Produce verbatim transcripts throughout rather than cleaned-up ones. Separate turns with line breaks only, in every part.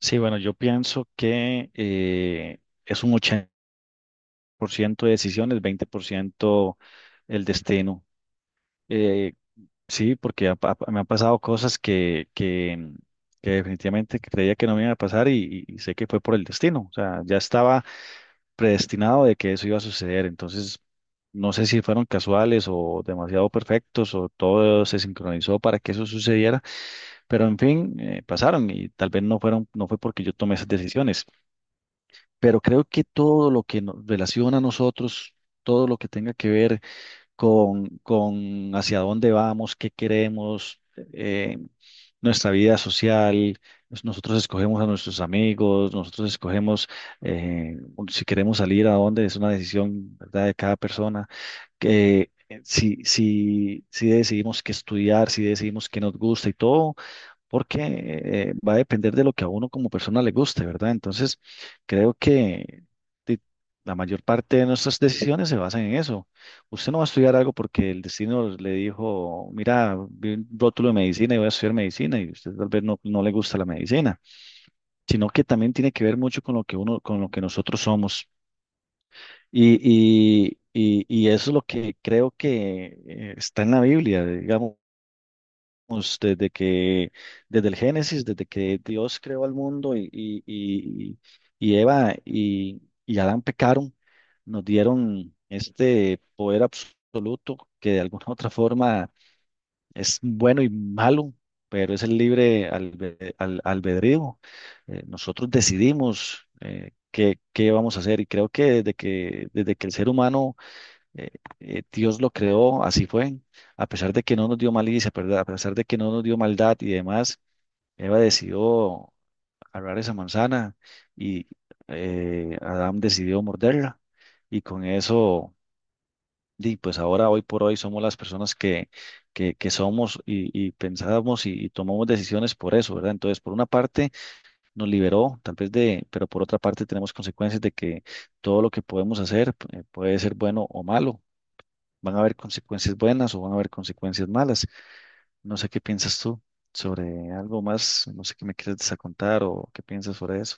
Sí, bueno, yo pienso que eh, es un ochenta por ciento de decisiones, veinte por ciento el destino. Eh, sí, porque ha pa- me han pasado cosas que, que, que definitivamente creía que no me iban a pasar y, y sé que fue por el destino. O sea, ya estaba predestinado de que eso iba a suceder. Entonces, no sé si fueron casuales o demasiado perfectos o todo se sincronizó para que eso sucediera, pero en fin, eh, pasaron y tal vez no fueron, no fue porque yo tomé esas decisiones. Pero creo que todo lo que nos relaciona a nosotros, todo lo que tenga que ver con, con hacia dónde vamos, qué queremos, eh, nuestra vida social, nos- nosotros escogemos a nuestros amigos, nosotros escogemos, eh, si queremos salir a dónde, es una decisión, ¿verdad?, de cada persona. Que, eh, si, si, si decidimos qué estudiar, si decidimos qué nos gusta y todo porque eh, va a depender de lo que a uno como persona le guste, ¿verdad? Entonces, creo que di- la mayor parte de nuestras decisiones se basan en eso. Usted no va a estudiar algo porque el destino le dijo, mira, vi un rótulo de medicina y voy a estudiar medicina y usted tal vez no, no le gusta la medicina, sino que también tiene que ver mucho con lo que uno, con lo que nosotros somos. Y, y, y, y eso es lo que creo que, eh, está en la Biblia, digamos desde que, desde el Génesis, desde que Dios creó al mundo y, y, y- y Eva y, y Adán pecaron, nos dieron este poder absoluto que de alguna u otra forma es bueno y malo, pero es el libre albe- al- albedrío. Eh, nosotros decidimos, eh, qué, qué vamos a hacer y creo que desde que, desde que el ser humano, eh, eh, Dios lo creó, así fue. A pesar de que no nos dio malicia, ¿verdad? A pesar de que no nos dio maldad y demás, Eva decidió agarrar esa manzana y eh, Adán decidió morderla. Y con eso, di, pues ahora, hoy por hoy, somos las personas que, que, que somos y, y pensamos y, y tomamos decisiones por eso, ¿verdad? Entonces, por una parte, nos liberó, tal vez de, pero por otra parte, tenemos consecuencias de que todo lo que podemos hacer, eh, puede ser bueno o malo, van a haber consecuencias buenas o van a haber consecuencias malas. No sé qué piensas tú sobre algo más, no sé qué me quieres desacontar o qué piensas sobre eso.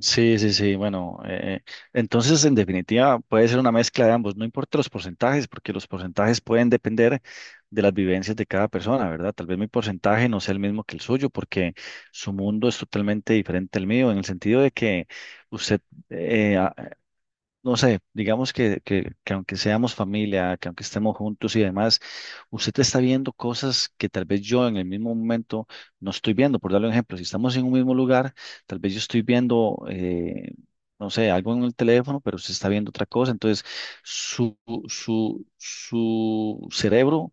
Sí, sí, sí, bueno, eh, eh, entonces en definitiva puede ser una mezcla de ambos, no importa los porcentajes, porque los porcentajes pueden depender de las vivencias de cada persona, ¿verdad? Tal vez mi porcentaje no sea el mismo que el suyo, porque su mundo es totalmente diferente al mío, en el sentido de que usted, eh, a- no sé, digamos que, que, que aunque seamos familia, que aunque estemos juntos y demás, usted está viendo cosas que tal vez yo en el mismo momento no estoy viendo. Por darle un ejemplo, si estamos en un mismo lugar, tal vez yo estoy viendo, eh, no sé, algo en el teléfono, pero usted está viendo otra cosa. Entonces, su, su, su cerebro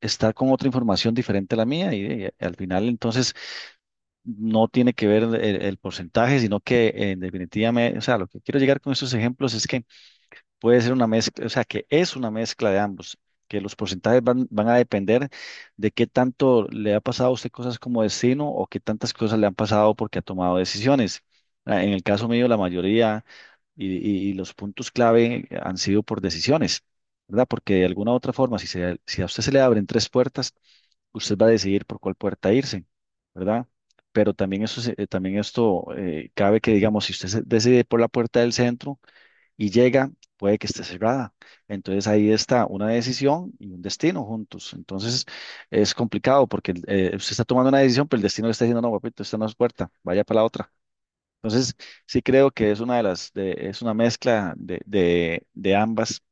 está con otra información diferente a la mía y, eh, al final entonces no tiene que ver el, el porcentaje, sino que en definitiva, me- o sea, lo que quiero llegar con estos ejemplos es que puede ser una mezcla, o sea, que es una mezcla de ambos, que los porcentajes van, van a depender de qué tanto le ha pasado a usted cosas como destino o qué tantas cosas le han pasado porque ha tomado decisiones. Ah, en el caso mío, la mayoría y, y- y los puntos clave han sido por decisiones, ¿verdad? Porque de alguna u otra forma, si, se- si a usted se le abren tres puertas, usted va a decidir por cuál puerta irse, ¿verdad? Pero también, eso, se- eh, también esto, eh, cabe que, digamos, si usted se decide por la puerta del centro, y llega, puede que esté cerrada. Entonces ahí está una decisión y un destino juntos. Entonces es complicado porque, eh, usted está tomando una decisión, pero el destino le está diciendo, no, papito, esta no es puerta, vaya para la otra. Entonces sí creo que es una de las, de- es una mezcla de, de, de ambas.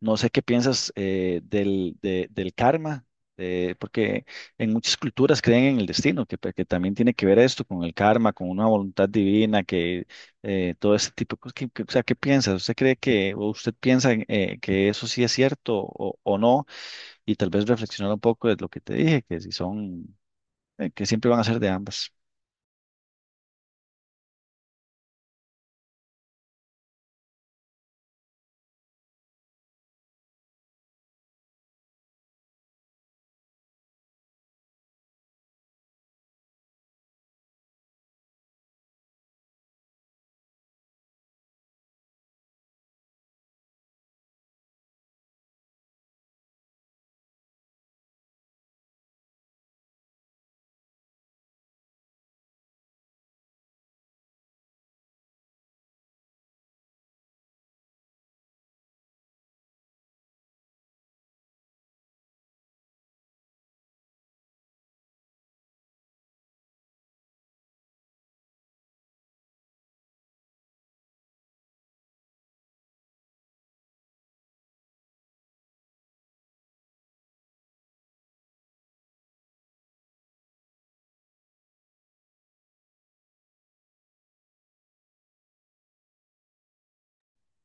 No sé qué piensas, eh, del, de- del karma, eh, porque en muchas culturas creen en el destino, que, que también tiene que ver esto con el karma, con una voluntad divina, que, eh, todo ese tipo de cosas. Que- que- o sea, ¿qué piensas? ¿Usted cree que, o usted piensa en, eh, que eso sí es cierto o, o no? Y tal vez reflexionar un poco de lo que te dije, que si son, eh, que siempre van a ser de ambas.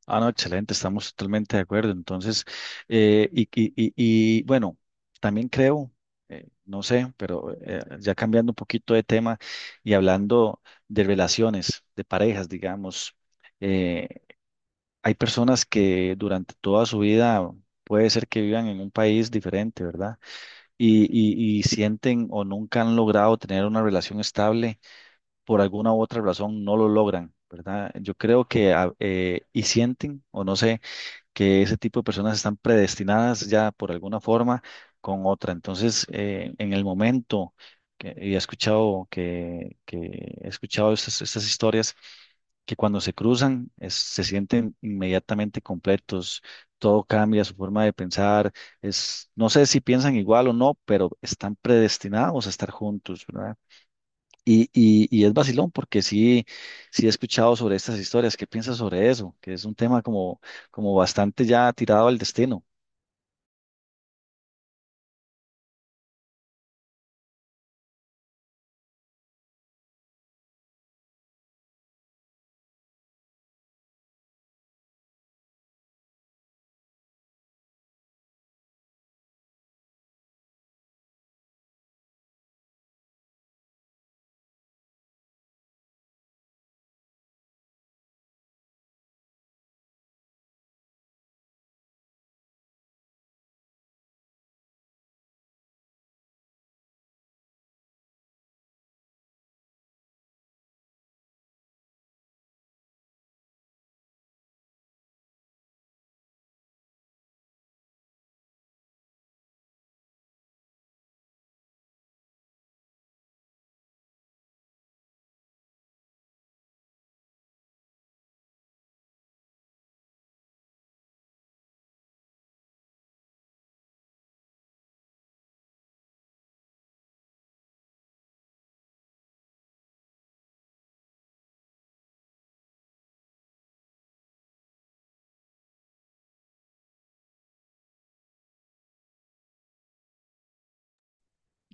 Ah, no, excelente, estamos totalmente de acuerdo. Entonces, eh, y, y- y- y, bueno, también creo, eh, no sé, pero eh, ya cambiando un poquito de tema y hablando de relaciones, de parejas, digamos, eh, hay personas que durante toda su vida puede ser que vivan en un país diferente, ¿verdad? Y, y, y sienten o nunca han logrado tener una relación estable, por alguna u otra razón no lo logran, ¿verdad? Yo creo que, ah, eh, y sienten, o no sé que ese tipo de personas están predestinadas ya por alguna forma con otra. Entonces, eh, en el momento que y he escuchado que, que he escuchado estas, estas historias que cuando se cruzan es- se sienten inmediatamente completos. Todo cambia, su forma de pensar, es, no sé si piensan igual o no, pero están predestinados a estar juntos, ¿verdad? Y, y, y es vacilón porque sí, sí he escuchado sobre estas historias. ¿Qué piensas sobre eso? Que es un tema como, como bastante ya tirado al destino.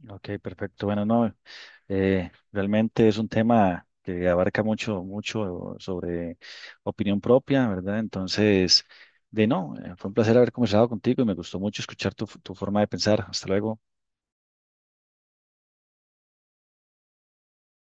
Ok, perfecto. Bueno, no, eh, realmente es un tema que abarca mucho, mucho sobre opinión propia, ¿verdad? Entonces, de no, eh, fue un placer haber conversado contigo y me gustó mucho escuchar tu, tu forma de pensar. Hasta luego.